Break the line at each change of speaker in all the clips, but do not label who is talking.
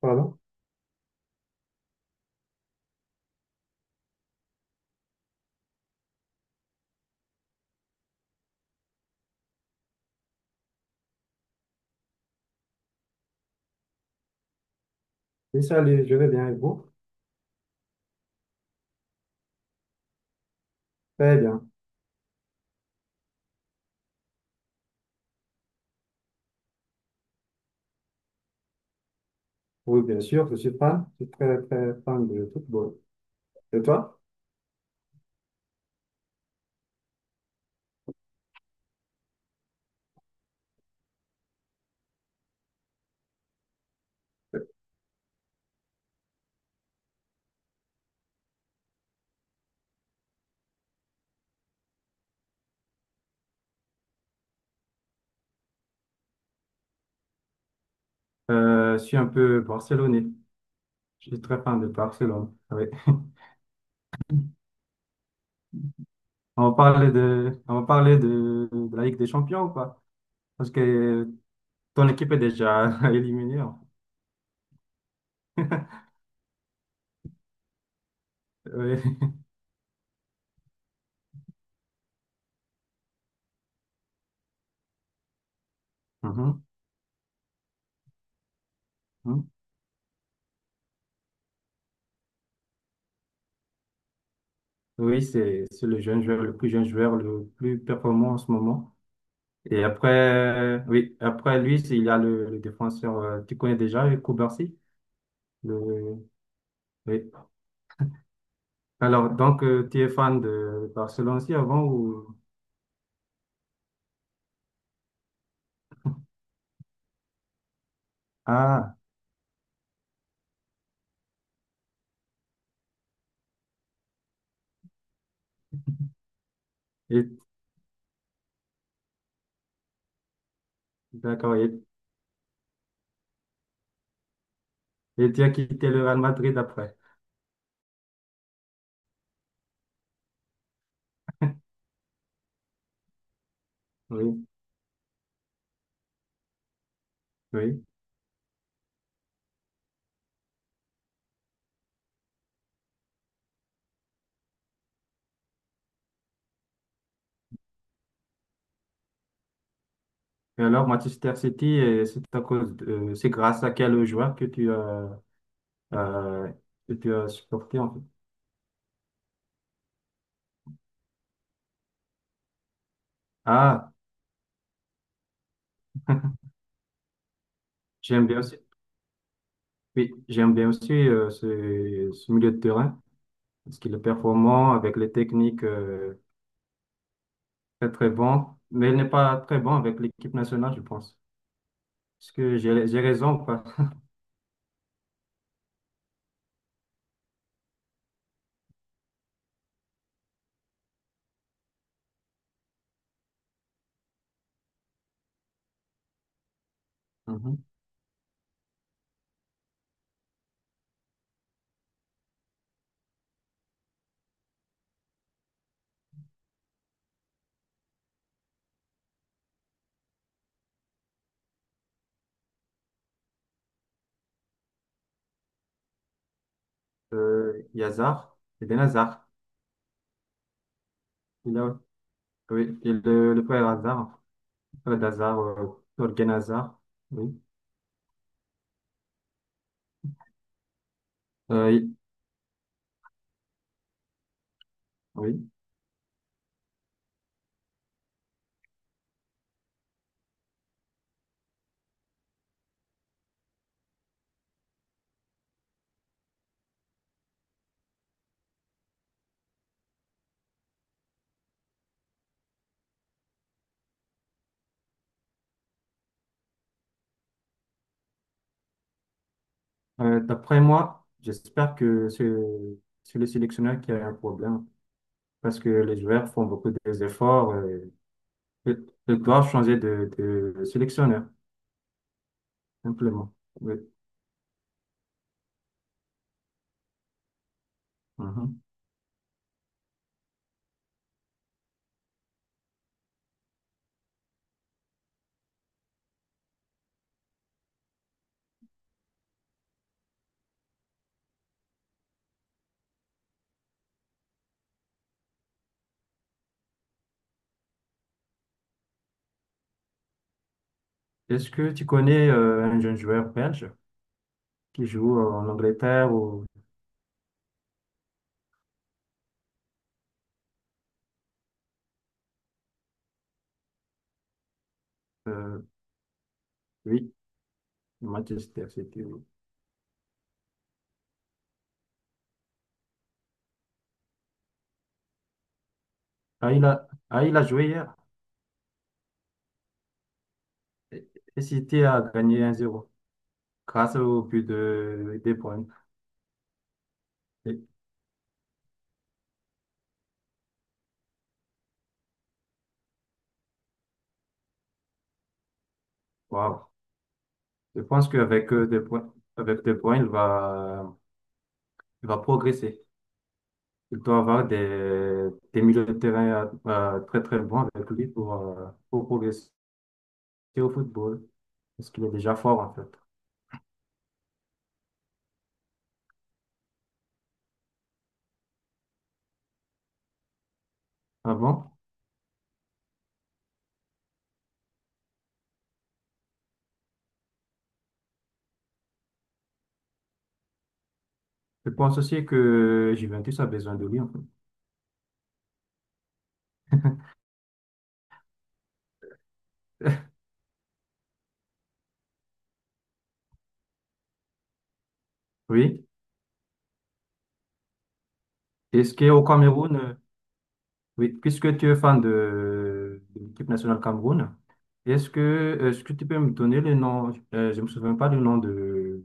Pardon? Oui, salut, je vais bien et vous? Très bien. Oui, bien sûr, je suis fan. Je suis très, très fan de football. Et toi? Je suis un peu barcelonais. Je suis très fan de Barcelone. Ah oui. On va parler de la Ligue des Champions, quoi. Parce que ton équipe est déjà éliminée, hein. Oui, Mhm, mhm. Oui, c'est le jeune joueur, le plus jeune joueur, le plus performant en ce moment. Et après, oui, après lui, il y a le défenseur, tu connais déjà, Koubarsi. Le, oui. Alors, donc, tu es fan de Barcelone aussi avant ou... Ah, et, d'accord. Et tu as quitté le Real Madrid après. Oui, oui. Et alors, Manchester City, c'est grâce à quel joueur euh, que tu as supporté en fait. Ah, j'aime bien aussi. Oui, j'aime bien aussi ce milieu de terrain parce qu'il est performant avec les techniques très très bon, mais il n'est pas très bon avec l'équipe nationale, je pense. Est-ce que j'ai raison ou pas? Il y a il a, oui, il le frère Hazard, le frère d'Hazard, Thorgan Hazard, oui. Euh, il- oui. D'après moi, j'espère que c'est le sélectionneur qui a un problème parce que les joueurs font beaucoup d'efforts. Ils doivent changer de sélectionneur, simplement. Oui. Mhm. Est-ce que tu connais un jeune joueur belge qui joue en Angleterre ou euh, oui, Manchester City? Ah, il a joué hier et City a gagné 1-0 grâce au but de De Bruyne. Waouh. Je pense avec De Bruyne, il va progresser. Il doit avoir des milieux de terrain très très bons avec lui pour progresser au football. Parce qu'il est déjà fort en fait. Ah bon? Je pense aussi que Juventus a besoin de lui en fait. Oui. Est-ce qu'au Cameroun, oui, puisque tu es fan de l'équipe nationale Cameroun, est-ce que tu peux me donner le nom, je ne me souviens pas du nom de,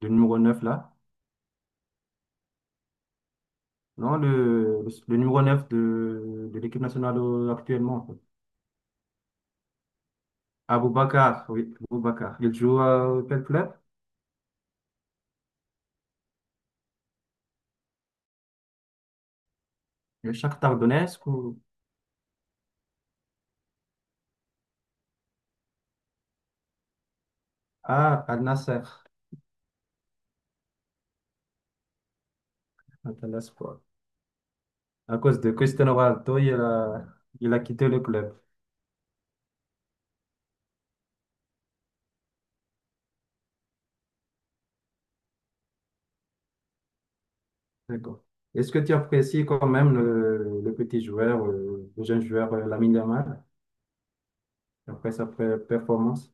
du numéro 9 là, non, le numéro 9 de l'équipe nationale actuellement, en fait. Aboubacar, oui, Aboubacar. Il joue à quel club? Le Shakhtar Donetsk ou à Al Nassr, Al Nassr, quoi. À cause de Cristiano Ronaldo, il a quitté le club. D'accord. Est-ce que tu apprécies quand même le petit joueur, le jeune joueur Lamine Yamal, après sa performance?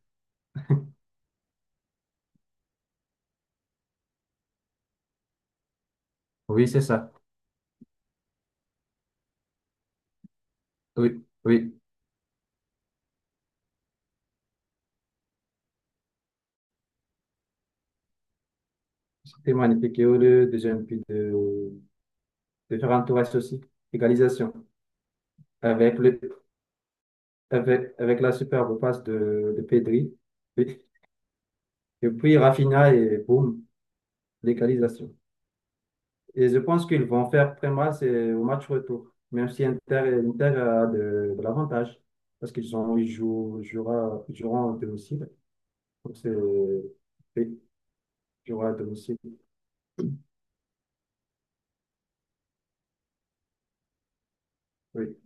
Oui, c'est ça. Oui, oui. C'est magnifique. Et heureux de jeune puis de faire un tour aussi. Égalisation. Avec, le, avec, avec la superbe passe de Pedri. Et, et puis Rafinha et boum, l'égalisation. Et je pense qu'ils vont faire très mal c'est au match retour, même si Inter a de l'avantage, parce qu'ils ont, ils jouent, ils jouera, ils joueront à domicile. Donc c'est, oui, ils joueront à domicile. Oui.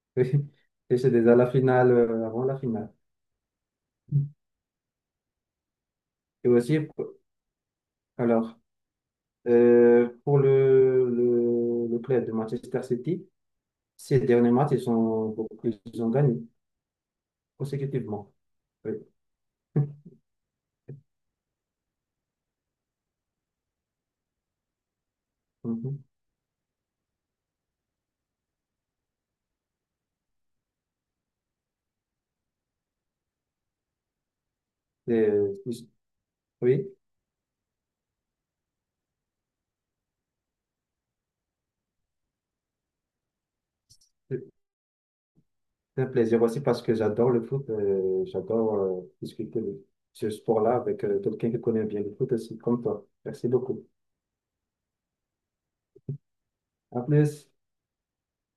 Et c'est déjà la finale, avant la finale. Et aussi, alors, pour le club de Manchester City, ces derniers matchs, ils ont gagné consécutivement. Oui. Mhm. Et, oui. C'est un plaisir aussi parce que j'adore le foot. J'adore discuter de ce sport-là avec quelqu'un qui connaît bien le foot aussi, comme toi. Merci beaucoup. À plus.